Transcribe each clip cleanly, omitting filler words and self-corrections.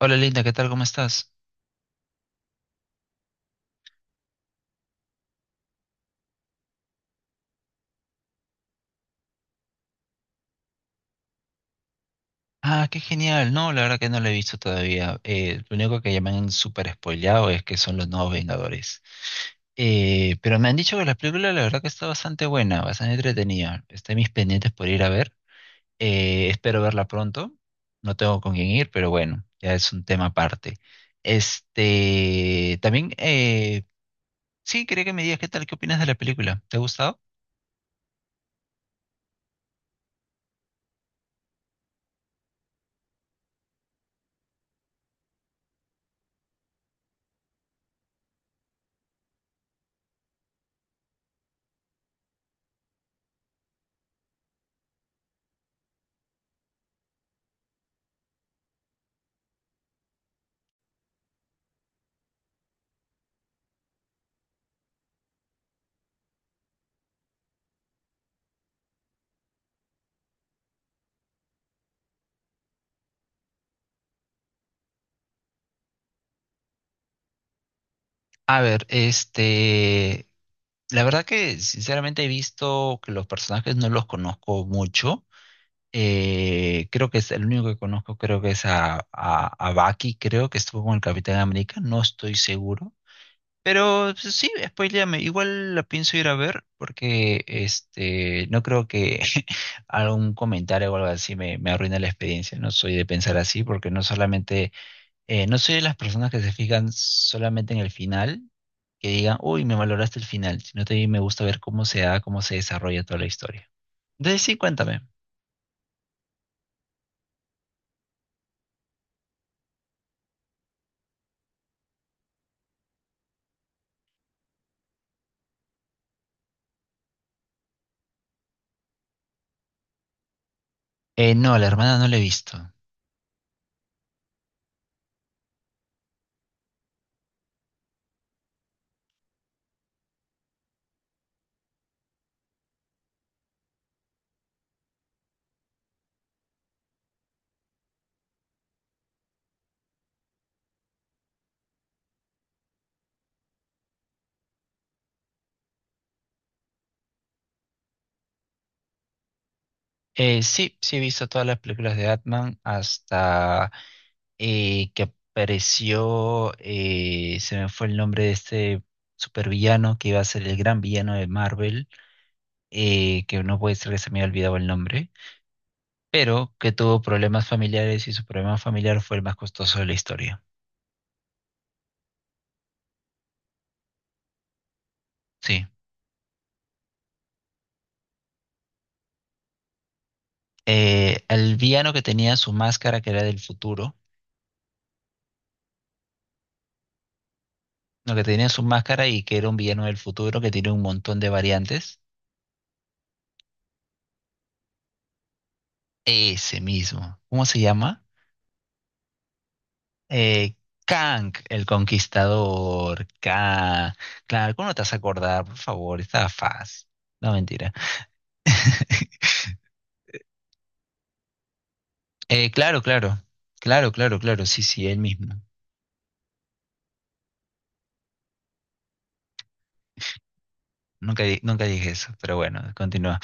Hola, Linda, ¿qué tal? ¿Cómo estás? Ah, qué genial. No, la verdad que no lo he visto todavía. Lo único que ya me han súper spoileado es que son los nuevos Vengadores. Pero me han dicho que la película la verdad que está bastante buena, bastante entretenida. Está en mis pendientes por ir a ver. Espero verla pronto. No tengo con quién ir, pero bueno, ya es un tema aparte. Este, también, sí, quería que me digas qué tal, qué opinas de la película. ¿Te ha gustado? A ver, este, la verdad que sinceramente he visto que los personajes no los conozco mucho. Creo que es el único que conozco, creo que es a Bucky, creo que estuvo con el Capitán América, no estoy seguro. Pero pues, sí, spoiléame, igual la pienso ir a ver porque este no creo que algún comentario o algo así me arruine la experiencia. No soy de pensar así porque no solamente, no soy de las personas que se fijan solamente en el final que diga, uy, me valoraste el final, sino también me gusta ver cómo se da, cómo se desarrolla toda la historia. Entonces sí, cuéntame. No, la hermana no la he visto. Sí, sí he visto todas las películas de Batman hasta que apareció, se me fue el nombre de este supervillano que iba a ser el gran villano de Marvel, que no puede ser que se me haya olvidado el nombre, pero que tuvo problemas familiares y su problema familiar fue el más costoso de la historia. Sí, al villano que tenía su máscara, que era del futuro, no, que tenía su máscara y que era un villano del futuro que tiene un montón de variantes, ese mismo, ¿cómo se llama? Eh, Kang, el conquistador, Kang, claro, ¿cómo no te vas a acordar? Por favor, estaba fácil, no mentira. Claro, claro, claro, claro, claro, sí, sí, él mismo. Nunca, di- nunca dije eso, pero bueno, continúa.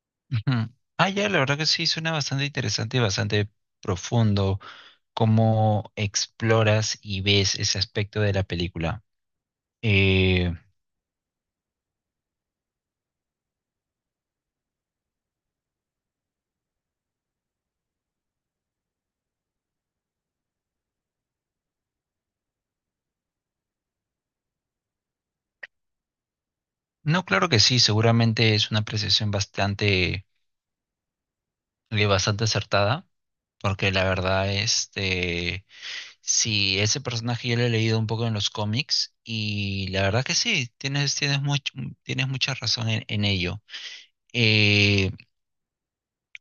Ujú. Ah, ya, la verdad que sí, suena bastante interesante y bastante profundo. Cómo exploras y ves ese aspecto de la película. Eh, no, claro que sí, seguramente es una apreciación bastante, bastante acertada, porque la verdad, este, sí, ese personaje yo lo he leído un poco en los cómics y la verdad que sí, tienes, tienes, much- tienes mucha razón en ello. Eh,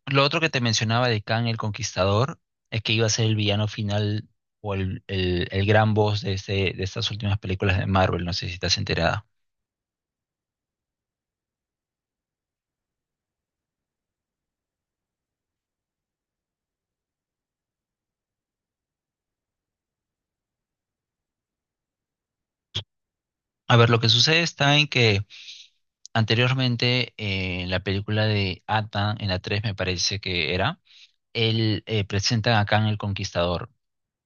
Lo otro que te mencionaba de Kang el Conquistador es que iba a ser el villano final o el gran boss de, este- de estas últimas películas de Marvel, no sé si estás enterada. A ver, lo que sucede está en que anteriormente en la película de Atan, en la 3 me parece que era, él presenta a Kang el Conquistador.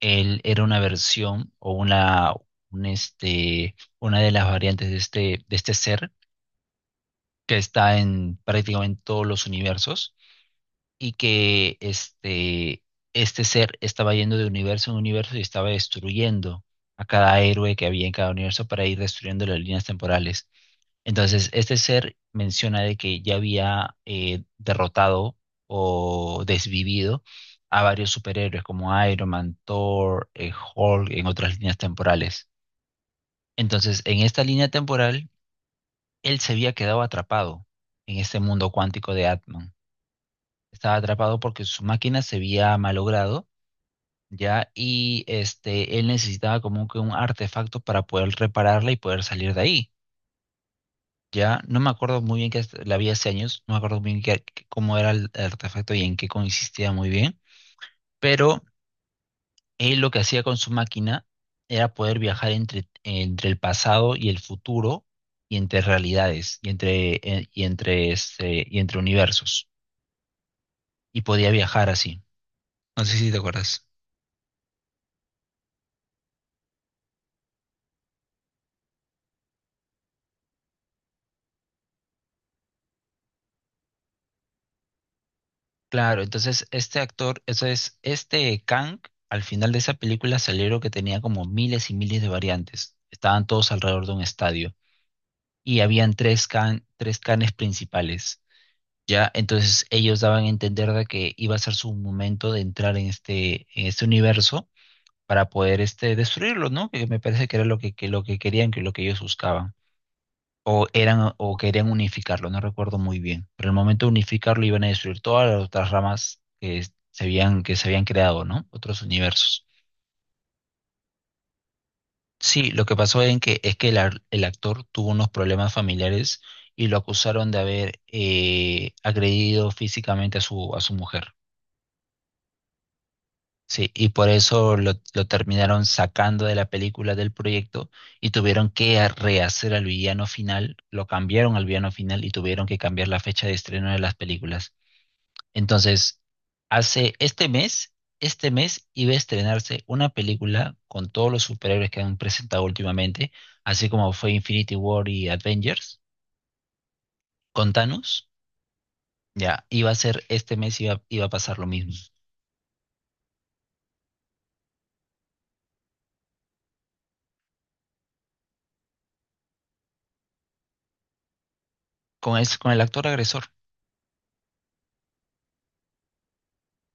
Él era una versión o una, un este, una de las variantes de este ser que está en prácticamente todos los universos y que este ser estaba yendo de universo en universo y estaba destruyendo a cada héroe que había en cada universo para ir destruyendo las líneas temporales. Entonces, este ser menciona de que ya había derrotado o desvivido a varios superhéroes como Iron Man, Thor, Hulk en otras líneas temporales. Entonces, en esta línea temporal, él se había quedado atrapado en este mundo cuántico de Atman. Estaba atrapado porque su máquina se había malogrado ya, y este, él necesitaba como que un artefacto para poder repararla y poder salir de ahí, ya, no me acuerdo muy bien que la vi hace años, no me acuerdo muy bien qué- qué- cómo era el artefacto y en qué consistía muy bien, pero él lo que hacía con su máquina era poder viajar entre, entre el pasado y el futuro y entre realidades y entre, este, y entre universos, y podía viajar así, no sé si te acuerdas. Claro, entonces este actor, eso es, este Kang, al final de esa película salieron que tenía como miles y miles de variantes. Estaban todos alrededor de un estadio y habían tres Kang, tres Kangs principales. Ya, entonces ellos daban a entender de que iba a ser su momento de entrar en este universo para poder este, destruirlo, ¿no? Que me parece que era lo que lo que querían, que lo que ellos buscaban o eran o querían unificarlo, no recuerdo muy bien. Pero el momento de unificarlo iban a destruir todas las otras ramas que es- se habían, que se habían creado, ¿no? Otros universos. Sí, lo que pasó en que, es que el, ar- el actor tuvo unos problemas familiares y lo acusaron de haber agredido físicamente a a su mujer. Sí, y por eso lo terminaron sacando de la película del proyecto y tuvieron que a- rehacer al villano final, lo cambiaron al villano final y tuvieron que cambiar la fecha de estreno de las películas. Entonces, hace este mes iba a estrenarse una película con todos los superhéroes que han presentado últimamente, así como fue Infinity War y Avengers, con Thanos, ya, iba a ser este mes, iba, iba a pasar lo mismo. Con el actor agresor,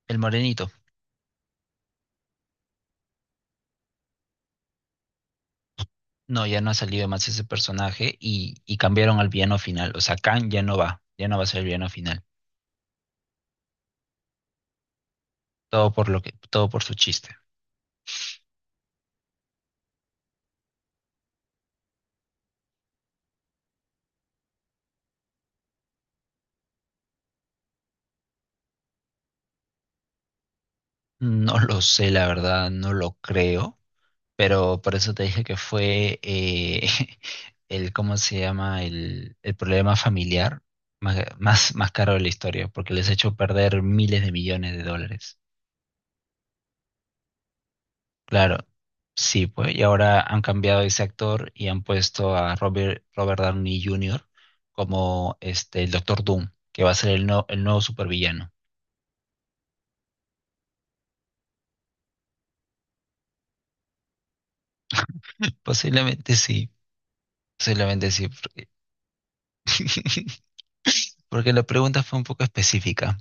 el morenito. No, ya no ha salido más ese personaje y cambiaron al villano final. O sea, Kang ya no va a ser el villano final. Todo por lo que, todo por su chiste. No lo sé, la verdad, no lo creo. Pero por eso te dije que fue el, ¿cómo se llama? El problema familiar más, más, más caro de la historia, porque les ha hecho perder miles de millones de dólares. Claro, sí, pues, y ahora han cambiado ese actor y han puesto a Robert, Robert Downey Jr. como este, el Doctor Doom, que va a ser el, no- el nuevo supervillano. Posiblemente sí, posiblemente sí, porque, porque la pregunta fue un poco específica.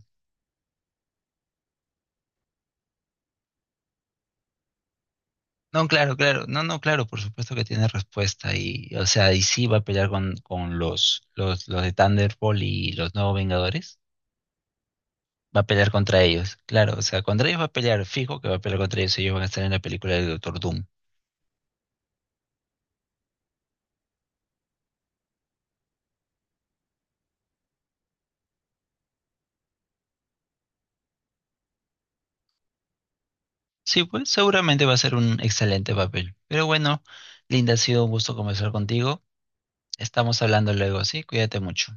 No, claro, claro. No, no, claro, por supuesto que tiene respuesta. Y, o sea, y sí va a pelear con los de Thunderbolt y los nuevos Vengadores. Va a pelear contra ellos. Claro, o sea, contra ellos va a pelear, fijo que va a pelear contra ellos. Ellos van a estar en la película del Doctor Doom. Sí, pues seguramente va a ser un excelente papel. Pero bueno, Linda, ha sido un gusto conversar contigo. Estamos hablando luego, ¿sí? Cuídate mucho.